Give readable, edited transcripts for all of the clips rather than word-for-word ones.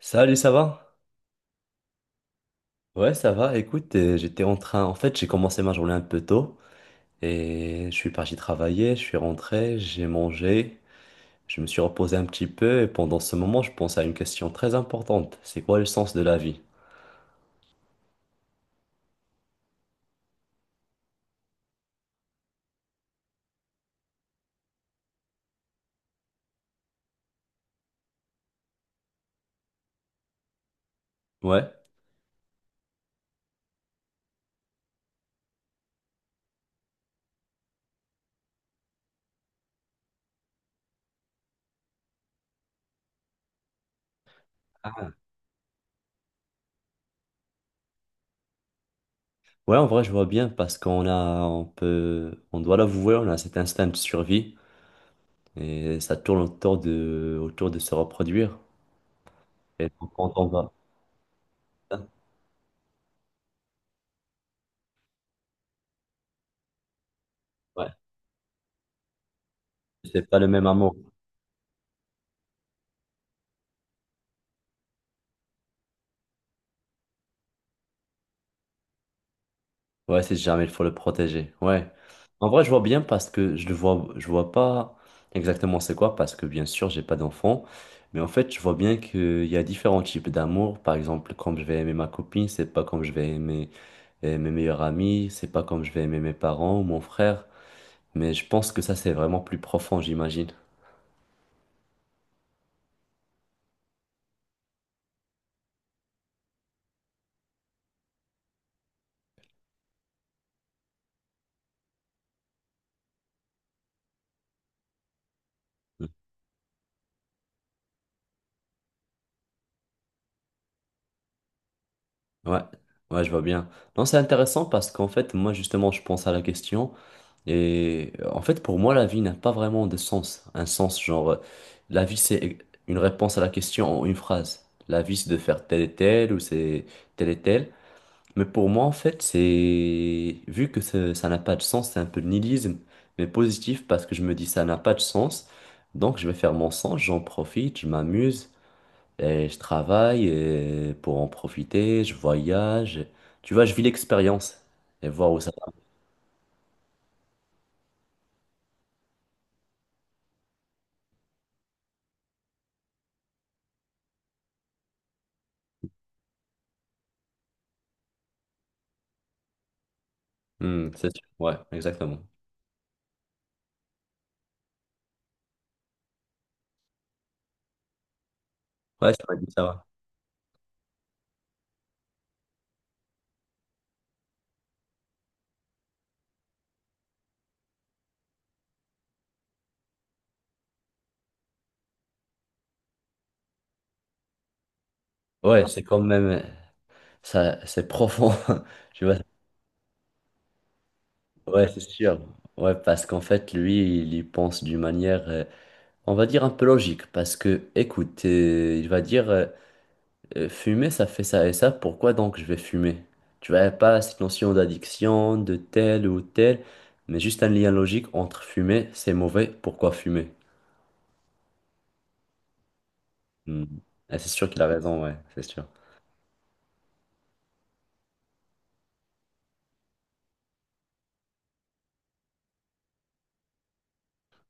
Salut, ça va? Ouais, ça va. Écoute, j'étais en train. En fait, j'ai commencé ma journée un peu tôt et je suis parti travailler. Je suis rentré, j'ai mangé, je me suis reposé un petit peu et pendant ce moment, je pense à une question très importante. C'est quoi le sens de la vie? Ouais. Ah. Ouais, en vrai, je vois bien parce qu'on a, on peut, on doit l'avouer, on a cet instinct de survie et ça tourne autour de se reproduire. Et donc, quand on va, hein, ouais, c'est pas le même amour. Ouais, si jamais il faut le protéger. Ouais. En vrai, je vois bien parce que je le vois, je vois pas exactement c'est quoi parce que bien sûr, j'ai pas d'enfant. Mais en fait, je vois bien qu'il y a différents types d'amour. Par exemple, comme je vais aimer ma copine, c'est pas comme je vais aimer mes meilleurs amis, c'est pas comme je vais aimer mes parents ou mon frère. Mais je pense que ça, c'est vraiment plus profond, j'imagine. Mm. Ouais, ouais, je vois bien. Non, c'est intéressant parce qu'en fait, moi, justement, je pense à la question. Et en fait, pour moi, la vie n'a pas vraiment de sens. Un sens, genre, la vie, c'est une réponse à la question en une phrase. La vie, c'est de faire tel et tel, ou c'est tel et tel. Mais pour moi, en fait, c'est, vu que ça n'a pas de sens, c'est un peu de nihilisme, mais positif parce que je me dis ça n'a pas de sens. Donc, je vais faire mon sens, j'en profite, je m'amuse, et je travaille et pour en profiter, je voyage. Tu vois, je vis l'expérience et voir où ça va. Hmm, c'est sûr. Ouais, exactement. Ouais, ça m'a dit ça. Ouais, ouais, c'est quand même, ça, c'est profond. Tu vois, ouais, c'est sûr. Ouais, parce qu'en fait, lui, il y pense d'une manière, on va dire un peu logique. Parce que, écoute, il va dire, fumer, ça fait ça et ça. Pourquoi donc je vais fumer? Tu vois, pas cette notion d'addiction, de tel ou tel, mais juste un lien logique entre fumer, c'est mauvais, pourquoi fumer? Hmm. Et c'est sûr qu'il a raison, ouais, c'est sûr.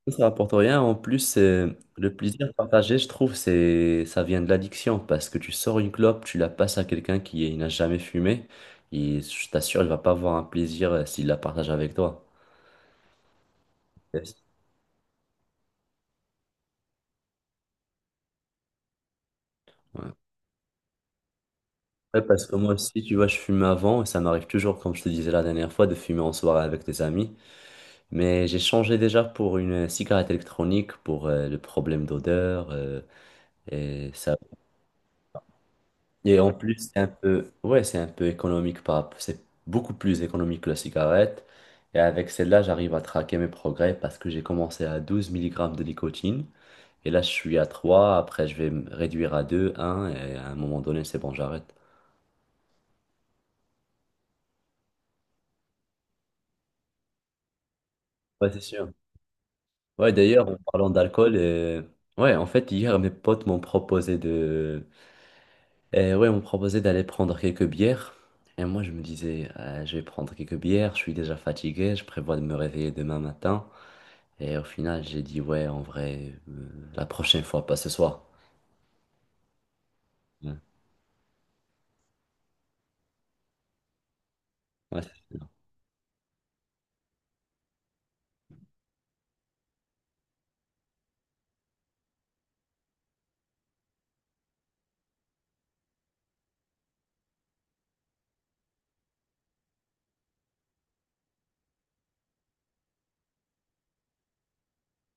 Ça rapporte rien. En plus, le plaisir partagé, je trouve, c'est, ça vient de l'addiction parce que tu sors une clope, tu la passes à quelqu'un qui n'a jamais fumé et je t'assure, il va pas avoir un plaisir s'il la partage avec toi. Yes. Ouais. Ouais, parce que moi aussi, tu vois, je fumais avant et ça m'arrive toujours, comme je te disais la dernière fois, de fumer en soirée avec des amis. Mais j'ai changé déjà pour une cigarette électronique pour le problème d'odeur et ça. Et en plus, c'est un peu, ouais, c'est un peu économique c'est beaucoup plus économique que la cigarette. Et avec celle-là, j'arrive à traquer mes progrès parce que j'ai commencé à 12 milligrammes de nicotine. Et là, je suis à trois. Après, je vais me réduire à deux, un. Et à un moment donné, c'est bon, j'arrête. Ouais, c'est sûr. Ouais, d'ailleurs, en parlant d'alcool, ouais, en fait, hier, mes potes m'ont proposé de, ouais, m'ont proposé d'aller prendre quelques bières. Et moi, je me disais, je vais prendre quelques bières, je suis déjà fatigué, je prévois de me réveiller demain matin. Et au final, j'ai dit, ouais, en vrai, la prochaine fois, pas ce soir. Ouais, ouais, c'est ça.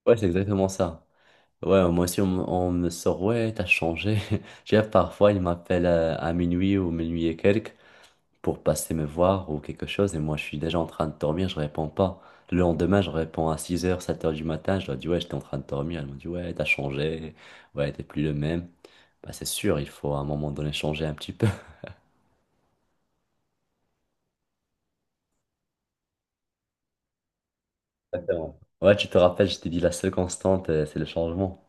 Ouais, c'est exactement ça. Ouais, moi aussi, on me sort, ouais, t'as changé. J'ai parfois, il m'appelle à minuit ou minuit et quelques pour passer me voir ou quelque chose. Et moi, je suis déjà en train de dormir, je réponds pas. Le lendemain, je réponds à 6 heures 7 heures du matin. Je leur dis, ouais, j'étais en train de dormir. Elles m'ont dit, ouais, t'as changé. Ouais, t'es plus le même. Bah, c'est sûr, il faut à un moment donné changer un petit peu. Exactement. Ouais, tu te rappelles, je t'ai dit, la seule constante, c'est le changement.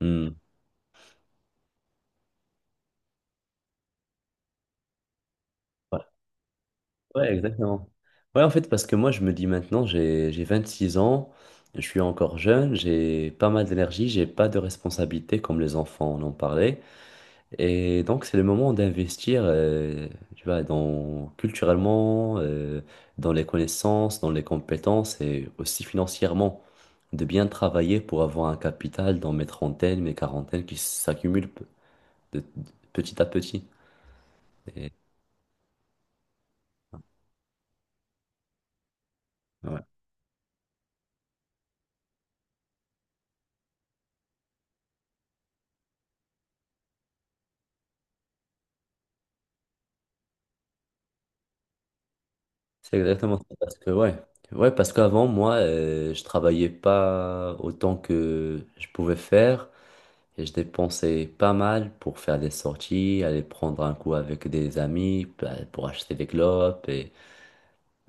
Hmm. Ouais, ouais, exactement. Ouais, en fait, parce que moi, je me dis maintenant, j'ai 26 ans, je suis encore jeune, j'ai pas mal d'énergie, j'ai pas de responsabilité comme les enfants on en parlait. Et donc, c'est le moment d'investir, tu vois, dans, culturellement, dans les connaissances, dans les compétences et aussi financièrement, de bien travailler pour avoir un capital dans mes trentaines, mes quarantaines qui s'accumulent petit à petit. Et, ouais. C'est exactement ça. Parce que, ouais. Ouais, parce qu'avant, moi, je travaillais pas autant que je pouvais faire et je dépensais pas mal pour faire des sorties, aller prendre un coup avec des amis, bah, pour acheter des clopes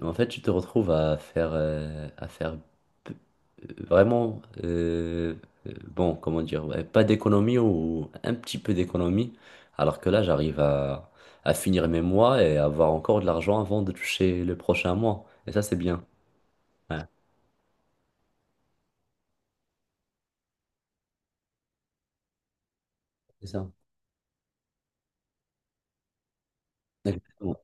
en fait, tu te retrouves à faire p- vraiment, bon, comment dire, ouais, pas d'économie ou un petit peu d'économie, alors que là, j'arrive à finir mes mois et avoir encore de l'argent avant de toucher le prochain mois. Et ça, c'est bien. Ouais, c'est ça. Exactement.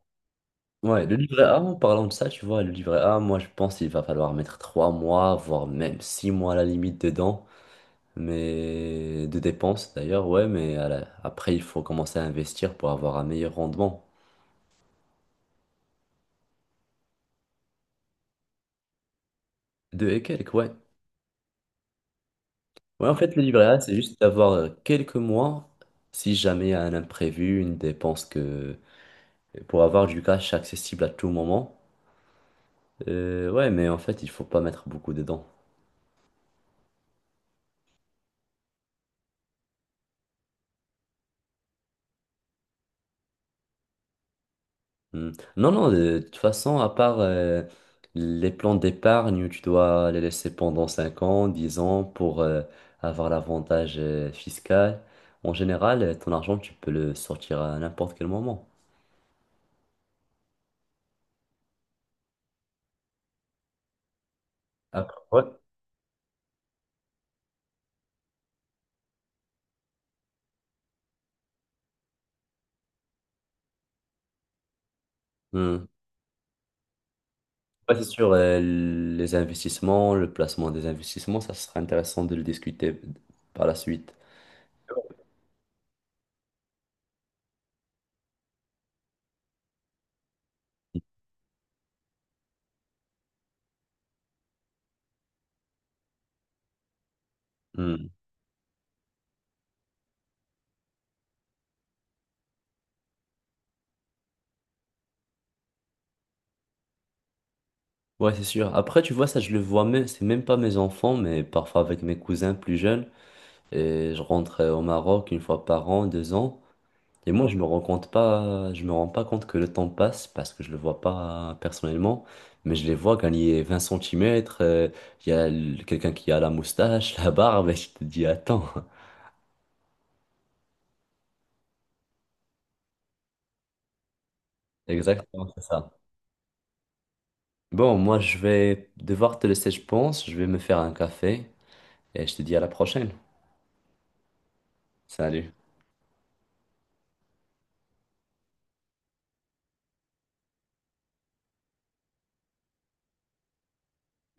Ouais, le livret A, en parlant de ça, tu vois, le livret A, moi, je pense qu'il va falloir mettre 3 mois, voire même 6 mois à la limite dedans. Mais de dépenses d'ailleurs, ouais, mais après, il faut commencer à investir pour avoir un meilleur rendement. Deux et quelques, ouais. Ouais, en fait, le livret A, c'est juste d'avoir quelques mois, si jamais il y a un imprévu, une dépense que... pour avoir du cash accessible à tout moment. Ouais, mais en fait, il faut pas mettre beaucoup dedans. Hmm. Non, non, de toute façon, à part les plans d'épargne où tu dois les laisser pendant 5 ans, 10 ans pour avoir l'avantage fiscal, en général, ton argent, tu peux le sortir à n'importe quel moment. Après, ouais. Hmm. Ouais, c'est sûr, les investissements, le placement des investissements, ça sera intéressant de le discuter par la suite. Hmm. Ouais, c'est sûr. Après, tu vois, ça, je le vois même, c'est même pas mes enfants, mais parfois avec mes cousins plus jeunes. Et je rentre au Maroc une fois par an, 2 ans. Et moi, je me rends compte pas, je me rends pas compte que le temps passe parce que je le vois pas personnellement, mais je les vois gagner 20 centimètres. Il y a quelqu'un qui a la moustache, la barbe, et je te dis, attends. Exactement, c'est ça. Bon, moi, je vais devoir te laisser, je pense. Je vais me faire un café et je te dis à la prochaine. Salut.